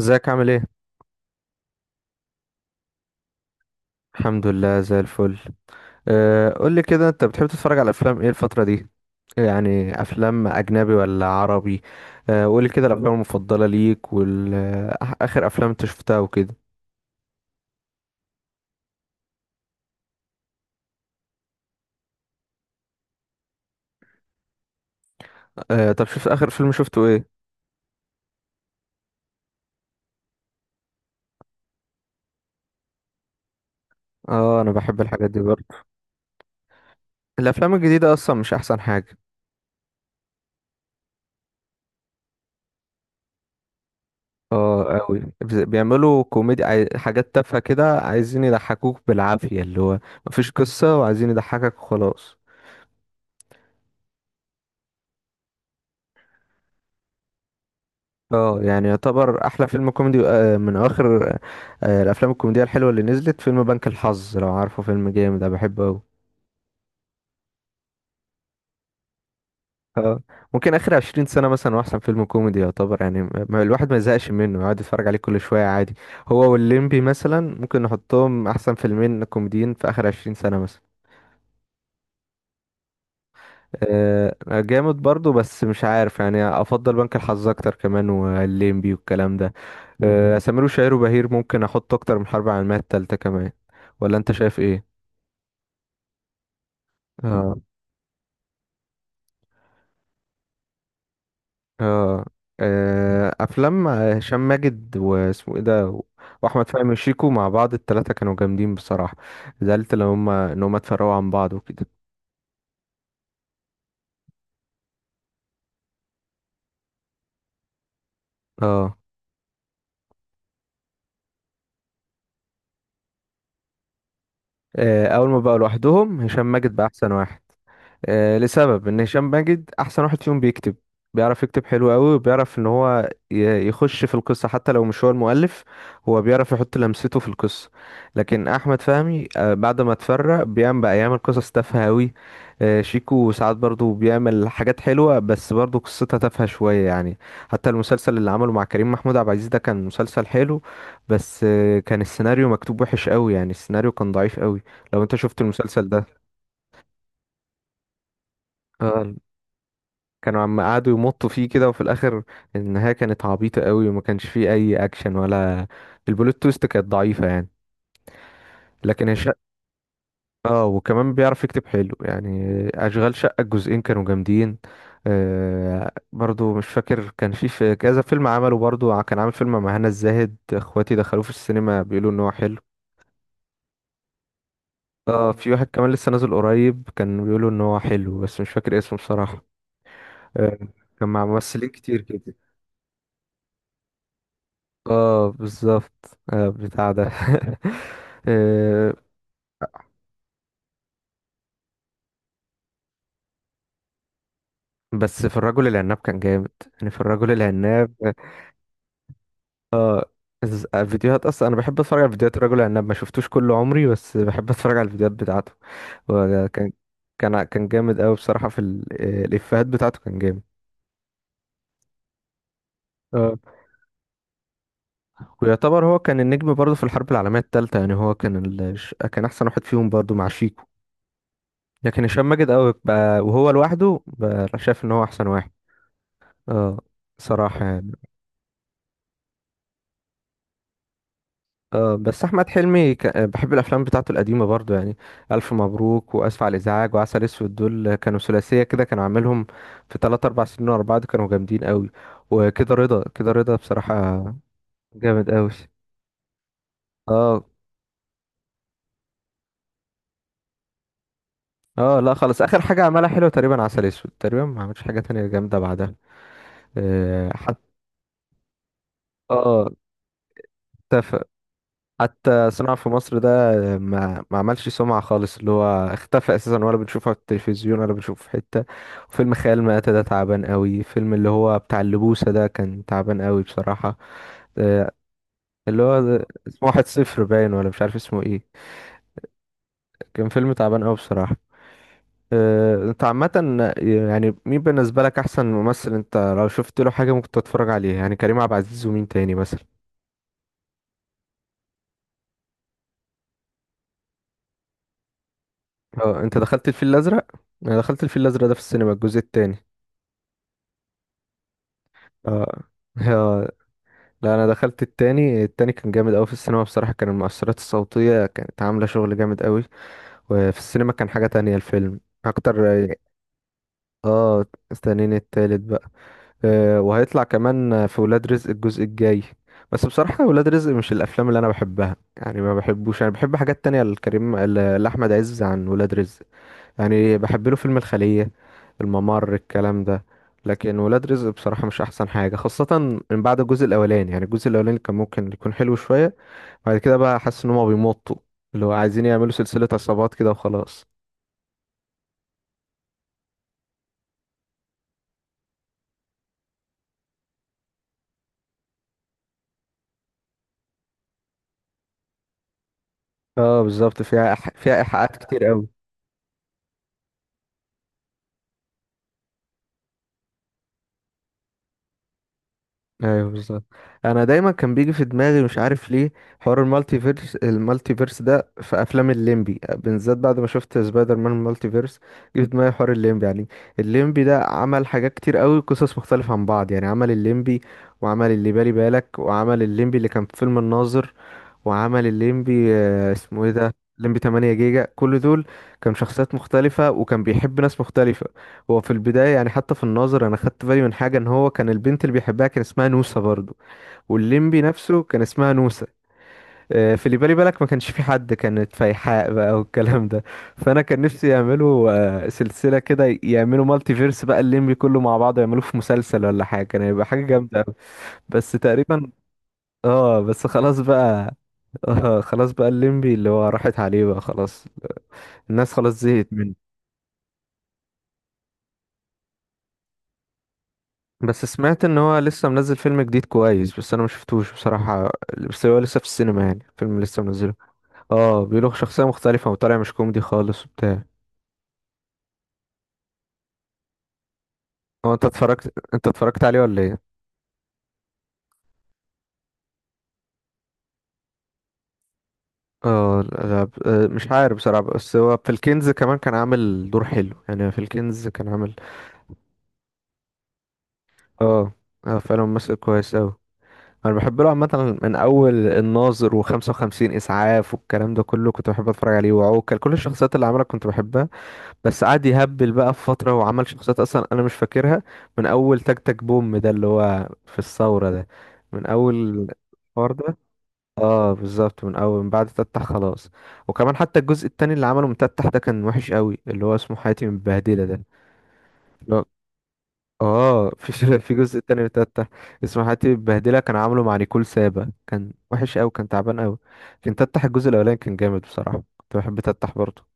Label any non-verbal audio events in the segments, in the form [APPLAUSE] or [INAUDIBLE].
ازيك عامل ايه؟ الحمد لله زي الفل. قول لي كده انت بتحب تتفرج على افلام ايه الفترة دي؟ يعني افلام اجنبي ولا عربي؟ قول لي كده الافلام المفضلة ليك والاخر افلام انت شفتها وكده. طب شفت اخر فيلم شفته ايه؟ اه، انا بحب الحاجات دي برضه. الافلام الجديدة اصلا مش احسن حاجة. اه قوي بيعملوا كوميدي حاجات تافهة كده عايزين يضحكوك بالعافية، اللي هو مفيش قصة وعايزين يضحكك وخلاص. اه يعني يعتبر احلى فيلم كوميدي من اواخر الافلام الكوميدية الحلوة اللي نزلت، فيلم بنك الحظ، لو عارفه، فيلم جامد انا بحبه اوي. اه ممكن اخر عشرين سنة مثلا هو احسن فيلم كوميدي يعتبر، يعني الواحد ما يزهقش منه، يقعد يتفرج عليه كل شوية عادي. هو والليمبي مثلا ممكن نحطهم احسن فيلمين كوميديين في اخر عشرين سنة مثلا. جامد برضو، بس مش عارف، يعني افضل بنك الحظ اكتر كمان، والليمبي والكلام ده. سمير وشهير وبهير ممكن احط اكتر من حرب العالمية التالتة كمان، ولا انت شايف ايه. اه. اه. افلام هشام ماجد واسمه ايه ده واحمد فهمي وشيكو مع بعض، التلاتة كانوا جامدين بصراحة. زعلت لما هم ان هم اتفرقوا عن بعض وكده. اه. اول ما بقوا لوحدهم هشام ماجد بقى احسن واحد. لسبب ان هشام ماجد احسن واحد فيهم بيكتب. بيعرف يكتب حلو قوي، وبيعرف ان هو يخش في القصة حتى لو مش هو المؤلف. هو بيعرف يحط لمسته في القصة. لكن احمد فهمي بعد ما اتفرق بيعمل بقى، يعمل قصص تافهة قوي. شيكو ساعات برضو بيعمل حاجات حلوة بس برضو قصتها تافهة شوية يعني. حتى المسلسل اللي عمله مع كريم محمود عبد العزيز ده كان مسلسل حلو، بس كان السيناريو مكتوب وحش قوي، يعني السيناريو كان ضعيف قوي، لو انت شفت المسلسل ده. آه، كانوا عم قعدوا يمطوا فيه كده، وفي الاخر النهايه كانت عبيطه قوي وما كانش فيه اي اكشن، ولا البلوت تويست كانت ضعيفه يعني. لكن الشقه، اه، وكمان بيعرف يكتب حلو يعني. اشغال شقه الجزئين كانوا جامدين. آه برضو مش فاكر، كان في كذا فيلم عمله برضو، كان عامل فيلم مع هنا الزاهد، اخواتي دخلوه في السينما بيقولوا ان هو حلو. اه في واحد كمان لسه نازل قريب كان بيقولوا ان هو حلو، بس مش فاكر اسمه بصراحه. آه كان مع ممثلين كتير كده. اه بالظبط، آه بتاع ده. [LAUGHS] آه، بس في الرجل العناب كان جامد، يعني في الرجل العناب. فيديوهات اصلا انا بحب اتفرج على فيديوهات الرجل العناب، ما شفتوش كل عمري بس بحب اتفرج على الفيديوهات بتاعته. وكان كان جامد قوي بصراحة في الافيهات بتاعته كان جامد. اه ويعتبر هو كان النجم برضه في الحرب العالمية التالتة، يعني هو كان كان احسن واحد فيهم برضه مع شيكو. لكن هشام ماجد قوي بقى، وهو لوحده بقى شايف ان هو احسن واحد. اه، صراحة يعني. بس احمد حلمي ك... آه، بحب الافلام بتاعته القديمه برضو يعني. الف مبروك، واسف على الازعاج، وعسل اسود، دول كانوا ثلاثيه كده كانوا عاملهم في 3 4 سنين ورا بعض، كانوا جامدين قوي. وكده رضا، كده رضا بصراحه، جامد قوي. اه. اه لا خلاص، اخر حاجه عملها حلوه تقريبا عسل اسود، تقريبا ما عملش حاجه تانية جامده بعدها. آه، حتى اه حتى صناعة في مصر ده ما عملش سمعة خالص، اللي هو اختفى اساسا، ولا بنشوفه على التلفزيون ولا بنشوفه في حتة. وفيلم خيال مآتة ده تعبان قوي، فيلم اللي هو بتاع اللبوسة ده كان تعبان قوي بصراحة. آه، اللي هو اسمه واحد صفر، باين، ولا مش عارف اسمه ايه. كان فيلم تعبان قوي بصراحة. انت عامة، يعني مين بالنسبة لك احسن ممثل انت لو شفت له حاجة ممكن تتفرج عليها، يعني كريم عبد العزيز ومين تاني مثلا. اه انت دخلت الفيل الازرق؟ انا دخلت الفيل الازرق ده في السينما الجزء التاني. اه. [LAUGHS] آه. لا انا دخلت التاني، التاني كان جامد قوي في السينما بصراحة، كان المؤثرات الصوتية كانت عاملة شغل جامد قوي، وفي السينما كان حاجة تانية الفيلم اكتر. اه، استنيني التالت بقى. آه، وهيطلع كمان في ولاد رزق الجزء الجاي، بس بصراحة ولاد رزق مش الافلام اللي انا بحبها يعني، ما بحبوش، انا بحب حاجات تانية لكريم لاحمد عز عن ولاد رزق. يعني بحب له فيلم الخلية، الممر، الكلام ده. لكن ولاد رزق بصراحة مش أحسن حاجة، خاصة من بعد الجزء الأولاني، يعني الجزء الأولاني كان ممكن يكون حلو شوية، بعد كده بقى حاسس إن هما بيمطوا، اللي هو عايزين يعملوا سلسلة عصابات كده وخلاص. اه بالظبط، فيها فيها إيحاءات كتير أوي. ايوه بالظبط. انا دايما كان بيجي في دماغي مش عارف ليه حوار المالتي فيرس، المالتي فيرس ده في افلام الليمبي بالذات، بعد ما شفت سبايدر مان المالتي فيرس جه في دماغي حوار الليمبي يعني. الليمبي ده عمل حاجات كتير قوي، قصص مختلفة عن بعض، يعني عمل الليمبي، وعمل اللي بالي بالك، وعمل الليمبي اللي كان في فيلم الناظر، وعمل الليمبي اسمه ايه ده، الليمبي 8 جيجا، كل دول كان شخصيات مختلفة وكان بيحب ناس مختلفة. هو في البداية يعني، حتى في الناظر أنا خدت بالي من حاجة، إن هو كان البنت اللي بيحبها كان اسمها نوسة برضو، والليمبي نفسه كان اسمها نوسة. في اللي بالي بالك ما كانش في حد، كانت فايحاء بقى والكلام ده. فأنا كان نفسي يعملوا سلسلة كده، يعملوا مالتي فيرس بقى الليمبي كله مع بعضه، يعملوه في مسلسل ولا حاجة، كان هيبقى حاجة جامدة أوي. بس تقريبا، اه بس خلاص بقى، آه خلاص بقى الليمبي اللي هو راحت عليه بقى خلاص، الناس خلاص زهقت. بس سمعت ان هو لسه منزل فيلم جديد كويس، بس انا ما شفتوش بصراحة، بس هو لسه في السينما يعني، فيلم لسه منزله. اه بيقولوا شخصية مختلفة وطالع مش كوميدي خالص وبتاع. هو انت اتفرجت عليه ولا ايه؟ اه الغاب، مش عارف بصراحة، بس هو في الكنز كمان كان عامل دور حلو، يعني في الكنز كان عامل. اه. اه فعلا ممثل كويس اوي. انا بحب له عامة من اول الناظر و55 اسعاف والكلام ده كله، كنت بحب اتفرج عليه، وعوكل، كل الشخصيات اللي عملها كنت بحبها. بس قعد يهبل بقى في فترة وعمل شخصيات أصلا أنا مش فاكرها، من أول تك تك بوم ده اللي هو في الثورة ده، من أول الحوار ده. اه بالظبط من أول، من بعد تتح خلاص. وكمان حتى الجزء التاني اللي عمله من تتح ده كان وحش قوي، اللي هو اسمه حياتي متبهدلة ده. اللي هو- اه [LAUGHS] في جزء تاني لتتح، اسمه حياتي متبهدلة، كان عامله مع نيكول سابا، كان وحش قوي، كان تعبان قوي. لكن تتح الجزء الأولاني كان جامد بصراحة، كنت بحب تتح برضه.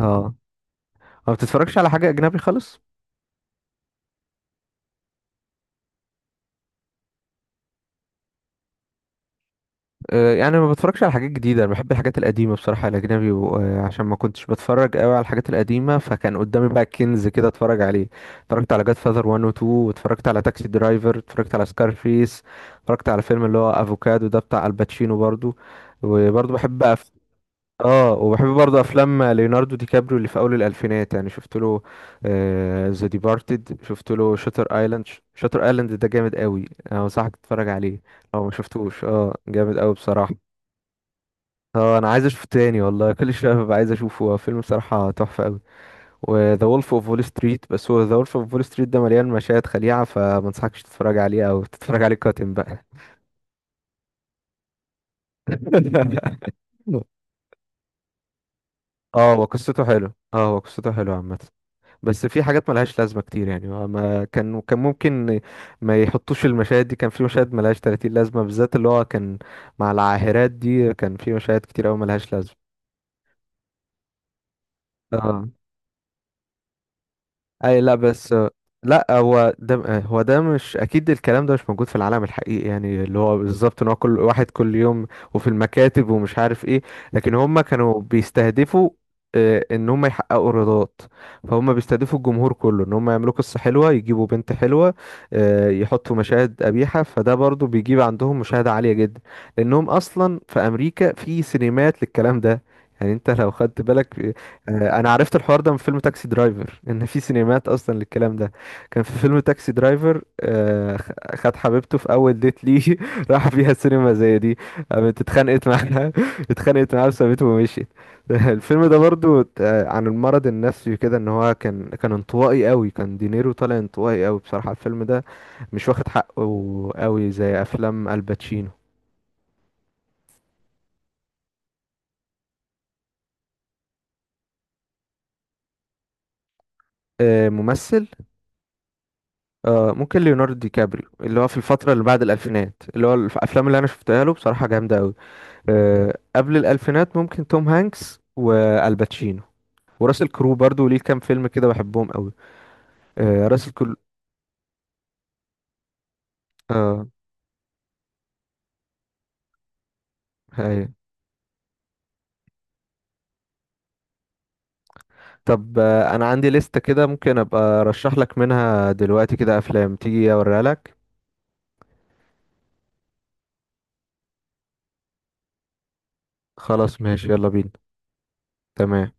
اه. ما بتتفرجش على حاجة أجنبي خالص؟ يعني ما بتفرجش على حاجات جديدة، انا بحب الحاجات القديمة بصراحة الاجنبي، عشان ما كنتش بتفرج قوي على الحاجات القديمة فكان قدامي بقى كنز كده اتفرج عليه. اتفرجت على جاد فاذر 1 و 2، واتفرجت على تاكسي درايفر، اتفرجت على سكارفيس، اتفرجت على فيلم اللي هو افوكادو ده بتاع الباتشينو برضو. وبرضو بحب اه وبحب برضو افلام ليوناردو دي كابريو اللي في اول الالفينات، يعني شفت له ذا ديبارتد، شفت له شاتر ايلاند، شاتر ايلاند ده جامد قوي، انا انصحك تتفرج عليه لو ما شفتوش، اه جامد قوي بصراحة. اه انا عايز اشوفه تاني والله، كل شويه ببقى عايز اشوفه، هو فيلم صراحه تحفه قوي. وذا وولف اوف وول ستريت، بس هو ذا وولف اوف وول ستريت ده مليان مشاهد خليعه فما انصحكش تتفرج عليه، او تتفرج عليه قاتم بقى. [LAUGHS] اه، هو قصته حلو، اه هو قصته حلو عامه، بس في حاجات ملهاش لازمه كتير يعني، هو ما كان ممكن ما يحطوش المشاهد دي، كان في مشاهد ملهاش 30 لازمه، بالذات اللي هو كان مع العاهرات دي، كان في مشاهد كتير قوي ملهاش لازمه. اه اي، لا بس، لا هو ده مش اكيد، الكلام ده مش موجود في العالم الحقيقي، يعني اللي هو بالظبط ان هو كل واحد، كل يوم، وفي المكاتب، ومش عارف ايه. لكن هم كانوا بيستهدفوا ان هم يحققوا رضات، فهم بيستهدفوا الجمهور كله ان هم يعملوا قصة حلوة، يجيبوا بنت حلوة، يحطوا مشاهد قبيحة، فده برضو بيجيب عندهم مشاهدة عالية جدا، لانهم اصلا في امريكا في سينمات للكلام ده، يعني انت لو خدت بالك. انا عرفت الحوار ده من فيلم تاكسي درايفر، ان في سينمات اصلا للكلام ده. كان في فيلم تاكسي درايفر خد حبيبته في اول ديت ليه [LAUGHS] راح فيها سينما زي دي، قامت اتخانقت معاها، [LAUGHS] اتخانقت معاها وسابته ومشيت. [LAUGHS] الفيلم ده برضو عن المرض النفسي كده، ان هو كان انطوائي قوي، كان دينيرو طالع انطوائي قوي بصراحة الفيلم ده، مش واخد حقه قوي زي افلام الباتشينو. ممثل؟ آه ممكن ليوناردو دي كابريو، اللي هو في الفترة اللي بعد الألفينات، اللي هو الأفلام اللي أنا شفتها له بصراحة جامدة أوي. آه قبل الألفينات ممكن توم هانكس والباتشينو، وراسل كرو برضو ليه كام فيلم كده بحبهم أوي، آه راسل كرو. آه، هاي. طب آه، أنا عندي لستة كده، ممكن أبقى أرشح لك منها دلوقتي كده أفلام، تيجي أوريها لك. خلاص ماشي، يلا بينا. تمام.